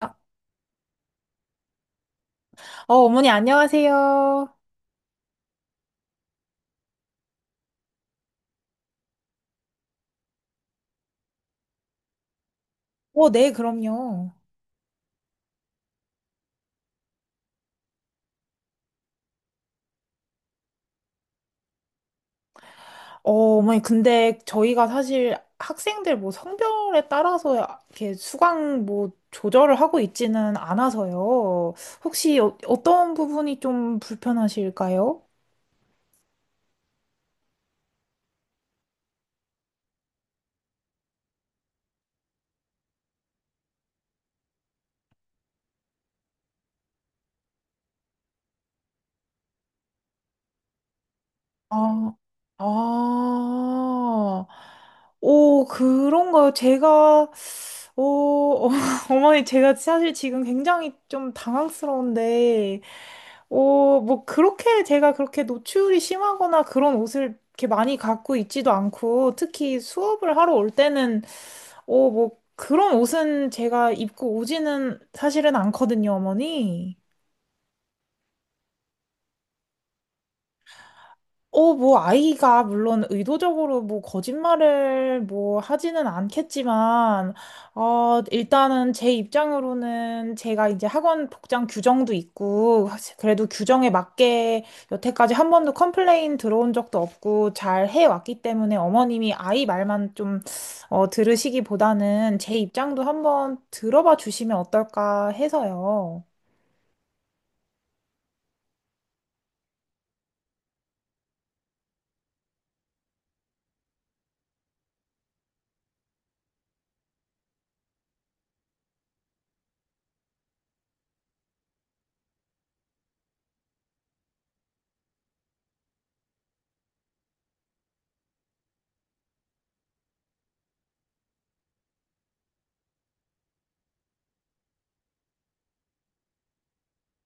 어, 어머니, 안녕하세요. 네, 그럼요. 어, 어머니, 근데 저희가 사실 학생들 뭐 성별에 따라서 이렇게 수강 뭐 조절을 하고 있지는 않아서요. 혹시 어떤 부분이 좀 불편하실까요? 아, 아, 오, 그런가요? 제가, 오, 어머니, 제가 사실 지금 굉장히 좀 당황스러운데, 오, 뭐, 그렇게 제가 그렇게 노출이 심하거나 그런 옷을 이렇게 많이 갖고 있지도 않고, 특히 수업을 하러 올 때는, 오, 뭐, 그런 옷은 제가 입고 오지는 사실은 않거든요, 어머니. 뭐, 아이가 물론 의도적으로 뭐, 거짓말을 뭐, 하지는 않겠지만, 일단은 제 입장으로는 제가 이제 학원 복장 규정도 있고, 그래도 규정에 맞게 여태까지 한 번도 컴플레인 들어온 적도 없고, 잘 해왔기 때문에 어머님이 아이 말만 좀, 들으시기보다는 제 입장도 한번 들어봐 주시면 어떨까 해서요.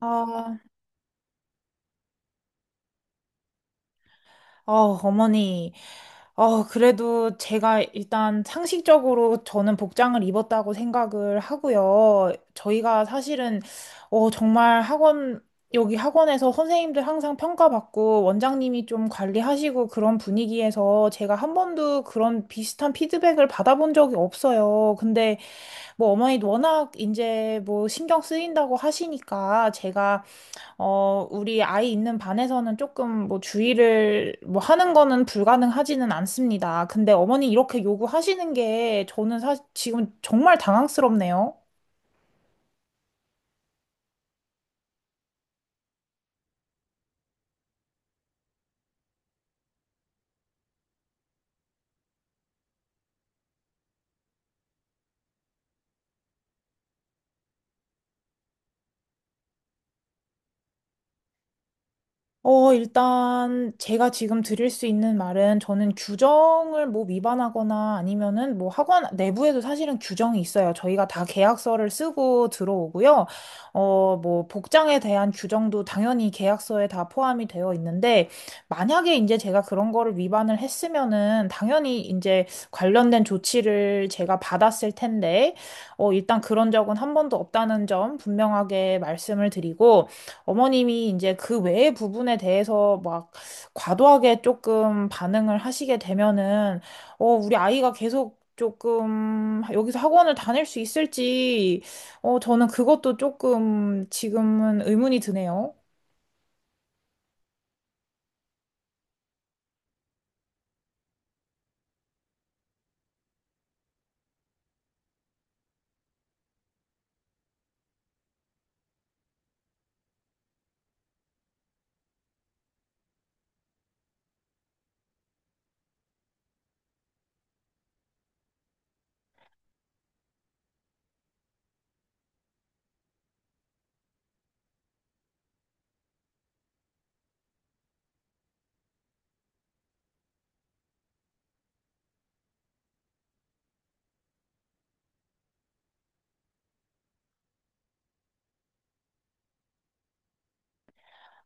아, 어머니. 그래도 제가 일단 상식적으로 저는 복장을 입었다고 생각을 하고요. 저희가 사실은, 정말 학원, 여기 학원에서 선생님들 항상 평가받고 원장님이 좀 관리하시고 그런 분위기에서 제가 한 번도 그런 비슷한 피드백을 받아본 적이 없어요. 근데 뭐 어머니도 워낙 이제 뭐 신경 쓰인다고 하시니까 제가 우리 아이 있는 반에서는 조금 뭐 주의를 뭐 하는 거는 불가능하지는 않습니다. 근데 어머니 이렇게 요구하시는 게 저는 지금 정말 당황스럽네요. 일단 제가 지금 드릴 수 있는 말은 저는 규정을 뭐 위반하거나 아니면은 뭐 학원 내부에도 사실은 규정이 있어요. 저희가 다 계약서를 쓰고 들어오고요. 뭐 복장에 대한 규정도 당연히 계약서에 다 포함이 되어 있는데 만약에 이제 제가 그런 거를 위반을 했으면은 당연히 이제 관련된 조치를 제가 받았을 텐데 일단 그런 적은 한 번도 없다는 점 분명하게 말씀을 드리고 어머님이 이제 그 외의 부분에 대해서 막 과도하게 조금 반응을 하시게 되면은, 우리 아이가 계속 조금 여기서 학원을 다닐 수 있을지, 저는 그것도 조금 지금은 의문이 드네요.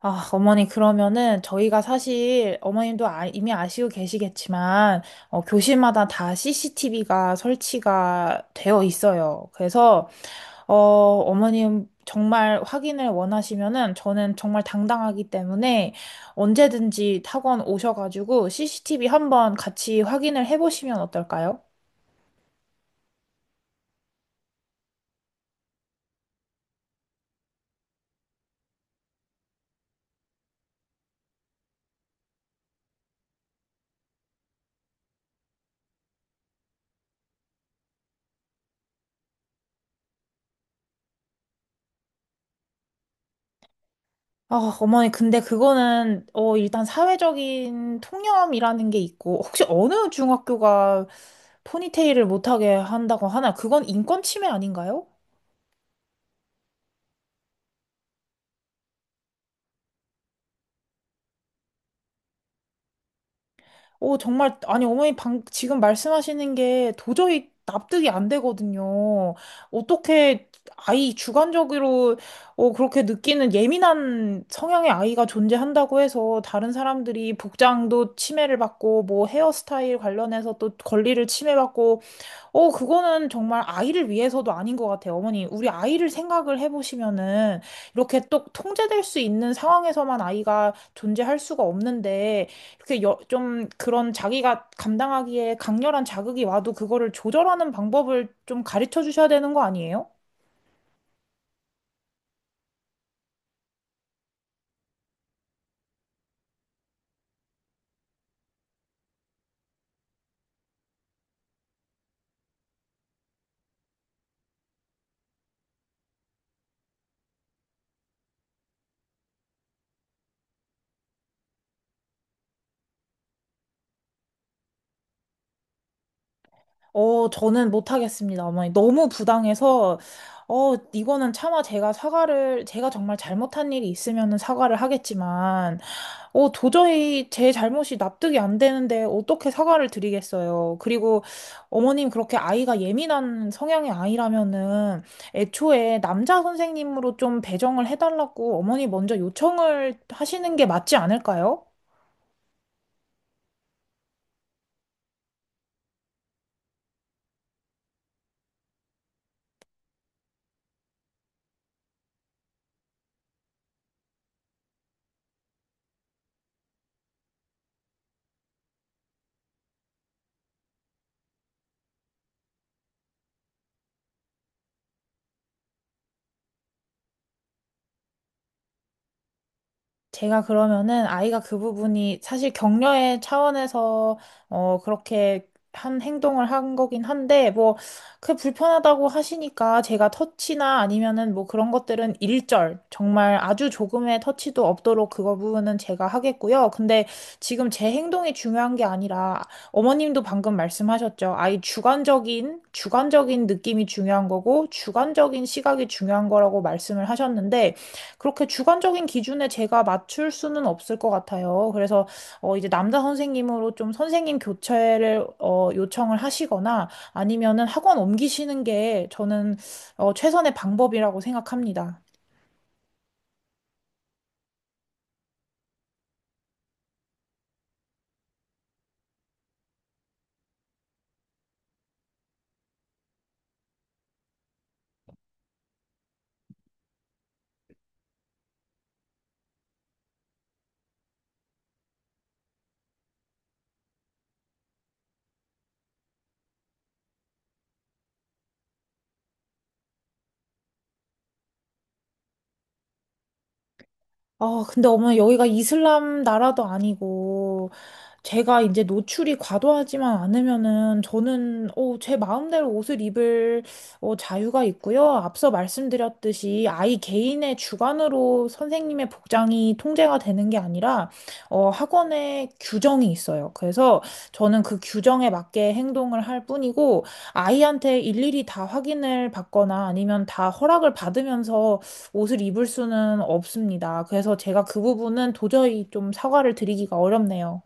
아, 어머니, 그러면은 저희가 사실 어머님도 이미 아시고 계시겠지만, 교실마다 다 CCTV가 설치가 되어 있어요. 그래서, 어, 어머님 정말 확인을 원하시면은 저는 정말 당당하기 때문에 언제든지 학원 오셔가지고 CCTV 한번 같이 확인을 해보시면 어떨까요? 아, 어머니, 근데 그거는, 일단 사회적인 통념이라는 게 있고, 혹시 어느 중학교가 포니테일을 못하게 한다고 하나? 그건 인권 침해 아닌가요? 오, 정말, 아니, 어머니 지금 말씀하시는 게 도저히 납득이 안 되거든요. 어떻게 아이 주관적으로 그렇게 느끼는 예민한 성향의 아이가 존재한다고 해서 다른 사람들이 복장도 침해를 받고 뭐 헤어스타일 관련해서 또 권리를 침해받고 그거는 정말 아이를 위해서도 아닌 것 같아요. 어머니, 우리 아이를 생각을 해보시면은 이렇게 또 통제될 수 있는 상황에서만 아이가 존재할 수가 없는데 이렇게 좀 그런 자기가 감당하기에 강렬한 자극이 와도 그거를 조절하는 방법을 좀 가르쳐 주셔야 되는 거 아니에요? 저는 못하겠습니다, 어머니. 너무 부당해서, 이거는 차마 제가 사과를, 제가 정말 잘못한 일이 있으면은 사과를 하겠지만, 도저히 제 잘못이 납득이 안 되는데 어떻게 사과를 드리겠어요. 그리고 어머님 그렇게 아이가 예민한 성향의 아이라면은 애초에 남자 선생님으로 좀 배정을 해달라고 어머니 먼저 요청을 하시는 게 맞지 않을까요? 제가 그러면은 아이가 그 부분이 사실 격려의 차원에서 그렇게 한 행동을 한 거긴 한데 뭐 그 불편하다고 하시니까 제가 터치나 아니면은 뭐 그런 것들은 일절 정말 아주 조금의 터치도 없도록 그거 부분은 제가 하겠고요. 근데 지금 제 행동이 중요한 게 아니라 어머님도 방금 말씀하셨죠. 아이 주관적인 느낌이 중요한 거고 주관적인 시각이 중요한 거라고 말씀을 하셨는데 그렇게 주관적인 기준에 제가 맞출 수는 없을 것 같아요. 그래서 이제 남자 선생님으로 좀 선생님 교체를 요청을 하시거나 아니면은 학원 옮기시는 게 저는 최선의 방법이라고 생각합니다. 아, 근데 어머니 여기가 이슬람 나라도 아니고 제가 이제 노출이 과도하지만 않으면은 저는 제 마음대로 옷을 입을 자유가 있고요. 앞서 말씀드렸듯이 아이 개인의 주관으로 선생님의 복장이 통제가 되는 게 아니라 학원에 규정이 있어요. 그래서 저는 그 규정에 맞게 행동을 할 뿐이고 아이한테 일일이 다 확인을 받거나 아니면 다 허락을 받으면서 옷을 입을 수는 없습니다. 그래서 제가 그 부분은 도저히 좀 사과를 드리기가 어렵네요.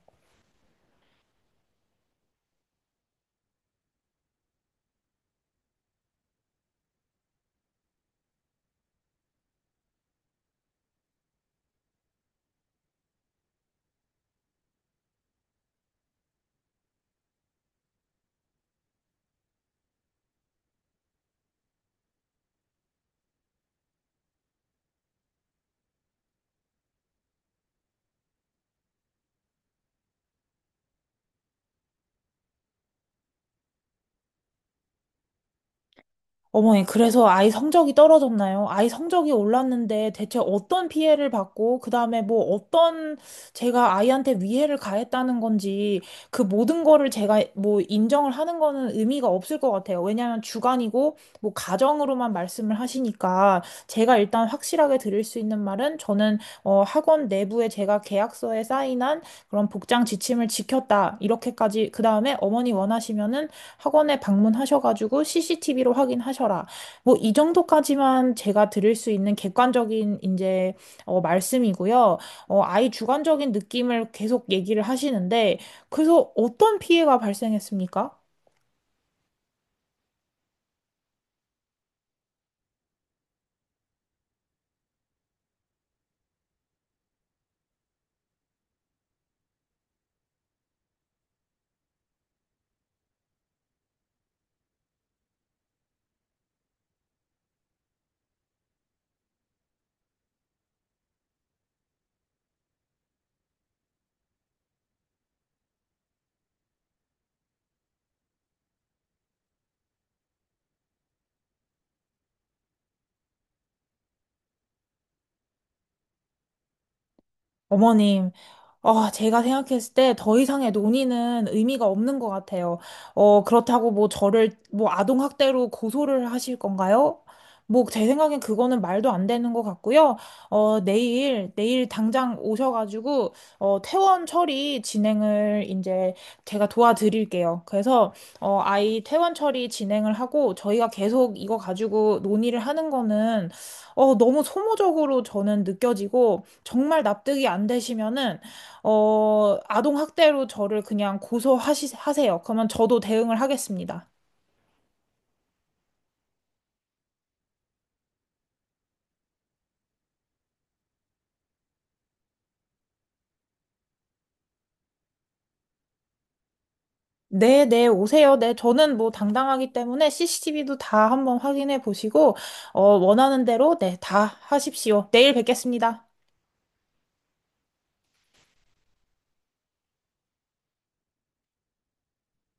어머니, 그래서 아이 성적이 떨어졌나요? 아이 성적이 올랐는데 대체 어떤 피해를 받고, 그 다음에 뭐 어떤 제가 아이한테 위해를 가했다는 건지, 그 모든 거를 제가 뭐 인정을 하는 거는 의미가 없을 것 같아요. 왜냐하면 주관이고, 뭐 가정으로만 말씀을 하시니까, 제가 일단 확실하게 드릴 수 있는 말은, 저는 학원 내부에 제가 계약서에 사인한 그런 복장 지침을 지켰다. 이렇게까지, 그 다음에 어머니 원하시면은 학원에 방문하셔가지고 CCTV로 확인하셔라. 뭐 이 정도까지만 제가 드릴 수 있는 객관적인 이제 말씀이고요. 아이 주관적인 느낌을 계속 얘기를 하시는데 그래서 어떤 피해가 발생했습니까? 어머님, 아, 제가 생각했을 때 더 이상의 논의는 의미가 없는 것 같아요. 그렇다고 뭐 저를 뭐 아동학대로 고소를 하실 건가요? 뭐 제 생각엔 그거는 말도 안 되는 것 같고요. 내일 당장 오셔가지고, 퇴원 처리 진행을 이제 제가 도와드릴게요. 그래서, 아이 퇴원 처리 진행을 하고 저희가 계속 이거 가지고 논의를 하는 거는 너무 소모적으로 저는 느껴지고, 정말 납득이 안 되시면은, 아동학대로 저를 그냥 고소하세요. 그러면 저도 대응을 하겠습니다. 네, 네, 오세요. 네, 저는 뭐 당당하기 때문에 CCTV도 다 한번 확인해 보시고, 원하는 대로, 네, 다 하십시오. 내일 뵙겠습니다.